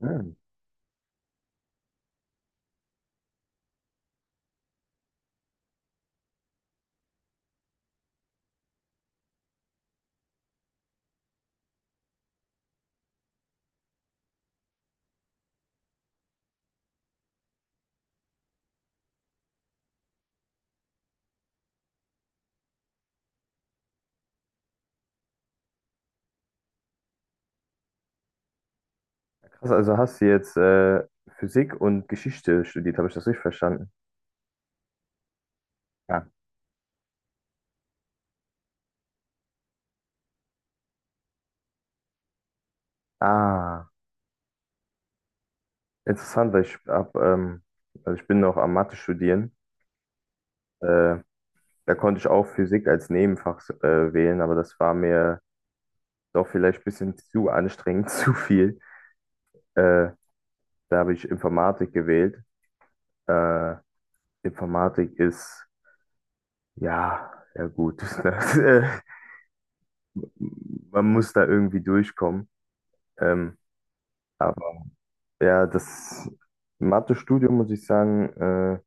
Ah, ja, krass, also hast du jetzt Physik und Geschichte studiert, habe ich das richtig verstanden? Ja. Ah, interessant, weil ich hab, also ich bin noch am Mathe studieren. Äh, Da konnte ich auch Physik als Nebenfach wählen, aber das war mir doch vielleicht ein bisschen zu anstrengend, zu viel. Äh, Da habe ich Informatik gewählt. Äh, Informatik ist, ja, ja gut. Ne? Man muss da irgendwie durchkommen. Ähm, Ja, das Mathestudium muss ich sagen,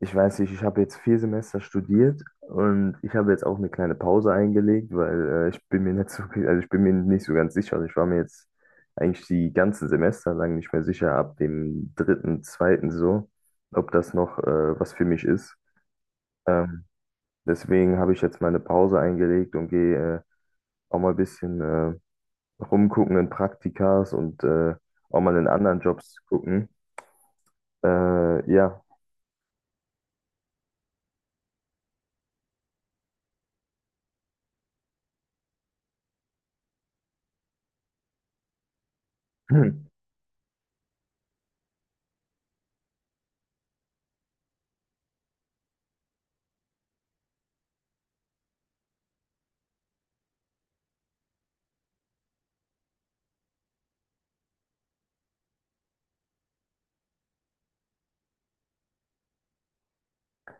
ich weiß nicht, ich habe jetzt 4 Semester studiert und ich habe jetzt auch eine kleine Pause eingelegt, weil ich bin mir nicht so, also ich bin mir nicht so ganz sicher. Also ich war mir jetzt eigentlich die ganzen Semester lang nicht mehr sicher, ab dem dritten, zweiten so, ob das noch was für mich ist. Ähm, Deswegen habe ich jetzt meine Pause eingelegt und gehe auch mal ein bisschen rumgucken in Praktikas und auch mal in anderen Jobs gucken. Ja. Hm.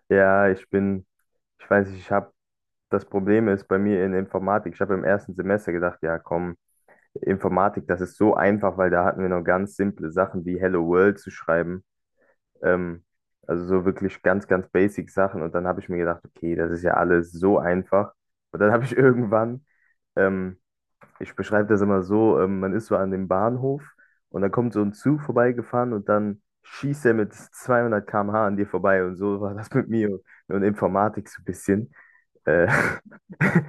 Ja, ich bin, ich weiß nicht, ich habe, das Problem ist bei mir in Informatik, ich habe im ersten Semester gedacht, ja komm, Informatik, das ist so einfach, weil da hatten wir noch ganz simple Sachen wie Hello World zu schreiben. Ähm, also so wirklich ganz, ganz basic Sachen. Und dann habe ich mir gedacht, okay, das ist ja alles so einfach. Und dann habe ich irgendwann ähm, ich beschreibe das immer so, man ist so an dem Bahnhof und dann kommt so ein Zug vorbeigefahren und dann schießt er mit 200 km/h an dir vorbei und so war das mit mir und Informatik so ein bisschen. Äh,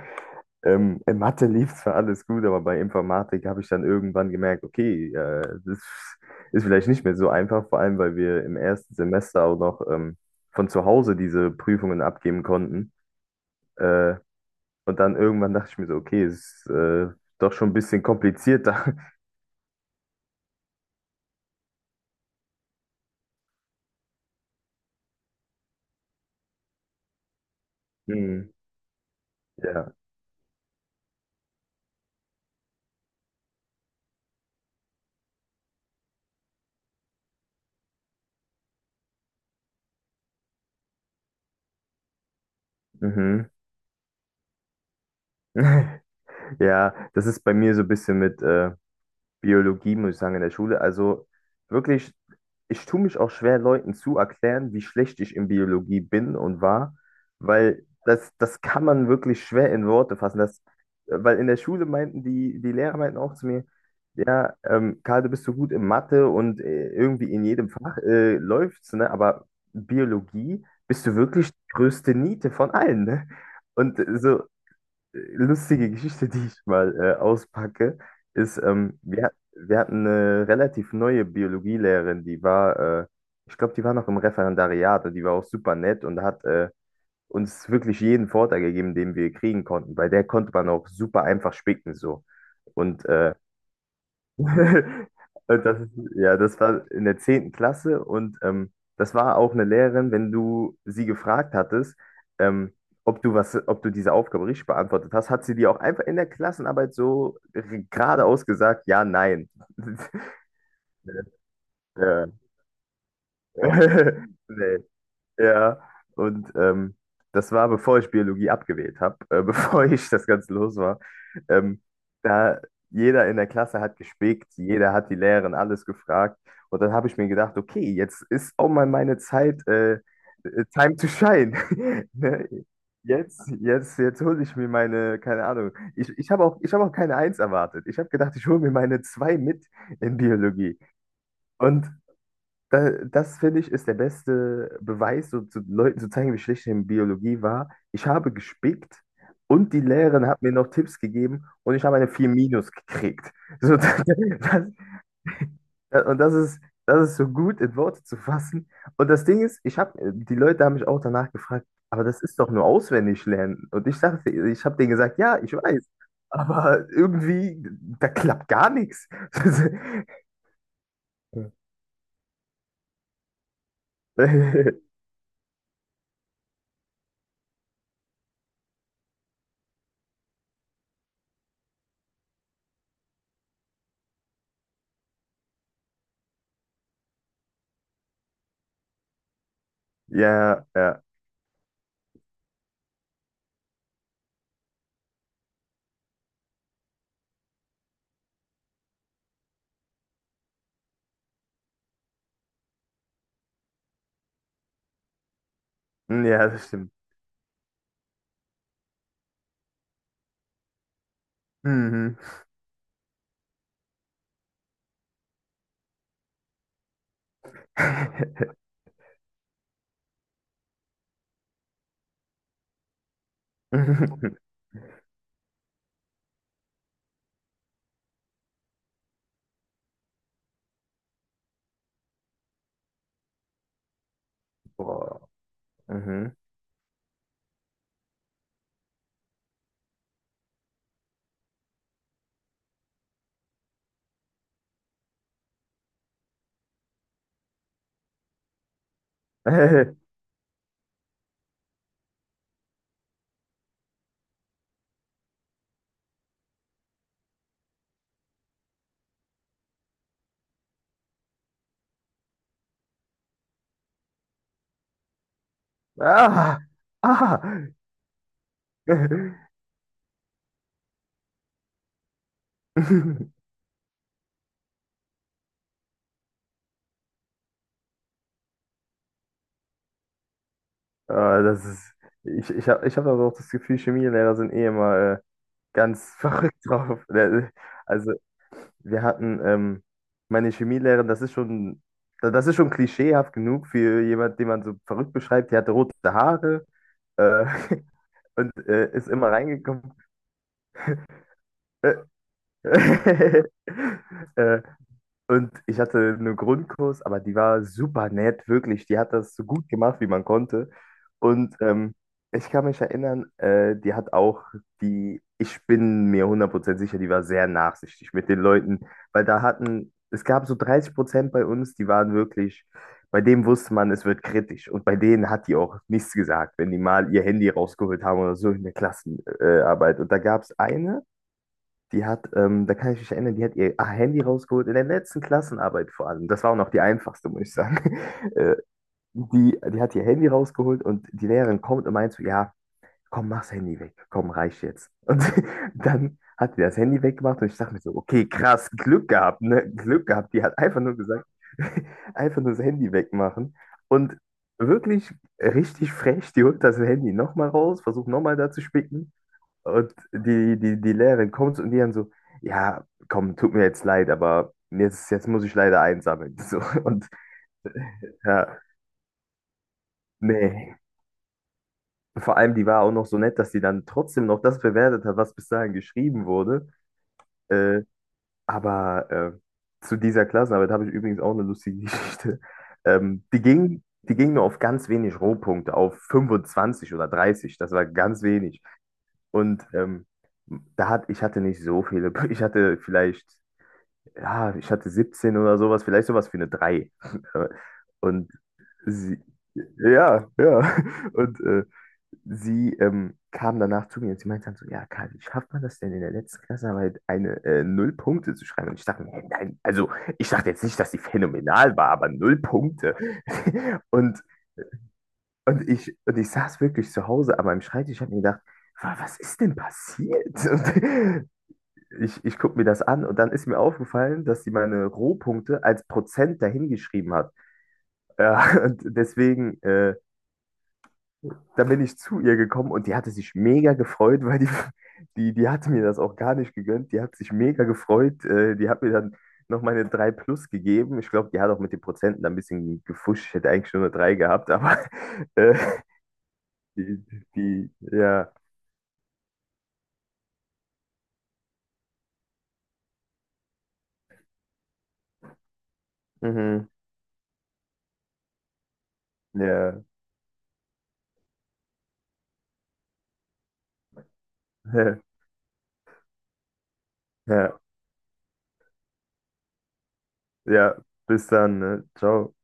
in Mathe lief zwar alles gut, aber bei Informatik habe ich dann irgendwann gemerkt, okay, das ist vielleicht nicht mehr so einfach, vor allem weil wir im ersten Semester auch noch von zu Hause diese Prüfungen abgeben konnten. Äh, und dann irgendwann dachte ich mir so, okay, es ist doch schon ein bisschen komplizierter. Mhm. Ja. Mhm. Ja, das ist bei mir so ein bisschen mit Biologie, muss ich sagen, in der Schule. Also wirklich, ich tue mich auch schwer, Leuten zu erklären, wie schlecht ich in Biologie bin und war, weil das, das kann man wirklich schwer in Worte fassen. Weil in der Schule meinten die Lehrer meinten auch zu mir, ja, Karl, du bist so gut in Mathe und irgendwie in jedem Fach läuft's, ne? Aber Biologie bist du wirklich die größte Niete von allen, ne? Und so, lustige Geschichte, die ich mal auspacke, ist, wir hatten eine relativ neue Biologielehrerin, die war, ich glaube, die war noch im Referendariat und die war auch super nett und hat uns wirklich jeden Vorteil gegeben, den wir kriegen konnten. Bei der konnte man auch super einfach spicken so. Und äh, Und Das ist, ja, das war in der zehnten Klasse und das war auch eine Lehrerin, wenn du sie gefragt hattest, ähm, ob du diese Aufgabe richtig beantwortet hast, hat sie dir auch einfach in der Klassenarbeit so geradeaus gesagt, ja, nein. Ja. Nee. Ja, und das war, bevor ich Biologie abgewählt habe, bevor ich das Ganze los war. Ähm, Da jeder in der Klasse hat gespickt, jeder hat die Lehrerin alles gefragt. Und dann habe ich mir gedacht, okay, jetzt ist auch mal meine Zeit, time to shine. Ne? Jetzt, jetzt, jetzt hole ich mir meine, keine Ahnung. Ich habe auch keine Eins erwartet. Ich habe gedacht, ich hole mir meine zwei mit in Biologie. Und da, das finde ich ist der beste Beweis, so zu Leuten zu zeigen, wie schlecht ich in Biologie war. Ich habe gespickt und die Lehrerin hat mir noch Tipps gegeben und ich habe eine 4 minus gekriegt. So, und das ist so gut in Worte zu fassen. Und das Ding ist, die Leute haben mich auch danach gefragt, aber das ist doch nur auswendig lernen. Und ich habe denen gesagt, ja, ich weiß, aber irgendwie, da klappt gar nichts. Ja, ja, ja, das stimmt. Mhm. Boah. Mhm. Ah! Ah! Ah, das ist. Ich hab aber auch das Gefühl, Chemielehrer sind eh immer ganz verrückt drauf. Also, wir hatten meine Chemielehrerin, das ist schon, das ist schon klischeehaft genug für jemand, den man so verrückt beschreibt. Die hatte rote Haare, äh, und ist immer reingekommen. Äh, äh, Und ich hatte einen Grundkurs, aber die war super nett, wirklich. Die hat das so gut gemacht, wie man konnte. Und ich kann mich erinnern, die hat auch die, ich bin mir 100% sicher, die war sehr nachsichtig mit den Leuten, weil es gab so 30% bei uns, die waren wirklich, bei denen wusste man, es wird kritisch. Und bei denen hat die auch nichts gesagt, wenn die mal ihr Handy rausgeholt haben oder so in der Klassenarbeit. Und da gab es eine, da kann ich mich erinnern, die hat ihr Handy rausgeholt in der letzten Klassenarbeit vor allem. Das war auch noch die einfachste, muss ich sagen. Äh, die hat ihr Handy rausgeholt und die Lehrerin kommt und meint so, ja, komm, mach's Handy weg. Komm, reicht jetzt. Und dann hat die das Handy weggemacht und ich dachte mir so, okay, krass, Glück gehabt, ne? Glück gehabt. Die hat einfach nur gesagt, einfach nur das Handy wegmachen. Und wirklich richtig frech, die holt das Handy nochmal raus, versucht nochmal da zu spicken. Und die Lehrerin kommt und die dann so, ja, komm, tut mir jetzt leid, aber jetzt muss ich leider einsammeln. So, und ja, nee. Vor allem, die war auch noch so nett, dass sie dann trotzdem noch das bewertet hat, was bis dahin geschrieben wurde. Äh, aber zu dieser Klassenarbeit habe ich übrigens auch eine lustige Geschichte. Die ging nur auf ganz wenig Rohpunkte, auf 25 oder 30. Das war ganz wenig. Und ich hatte nicht so viele, ich hatte vielleicht ja, ich hatte 17 oder sowas, vielleicht sowas wie eine drei. Und sie, ja, ja. Und sie kam danach zu mir und sie meinte dann so, ja, Karl, wie schafft man das denn in der letzten Klassenarbeit eine 0 Punkte zu schreiben? Und ich dachte mir, hä, nein, also ich dachte jetzt nicht, dass sie phänomenal war, aber 0 Punkte. Und, und ich saß wirklich zu Hause an meinem Schreibtisch und habe mir gedacht, was ist denn passiert? Ich gucke mir das an und dann ist mir aufgefallen, dass sie meine Rohpunkte als Prozent dahingeschrieben hat. Ja, und deswegen, dann bin ich zu ihr gekommen und die hatte sich mega gefreut, weil die, die hatte mir das auch gar nicht gegönnt. Die hat sich mega gefreut. Die hat mir dann noch meine 3 plus gegeben. Ich glaube, die hat auch mit den Prozenten ein bisschen gefuscht. Ich hätte eigentlich nur eine 3 gehabt, aber äh, die, ja, mhm, ja, ja, ja, bis dann, ne? Ciao.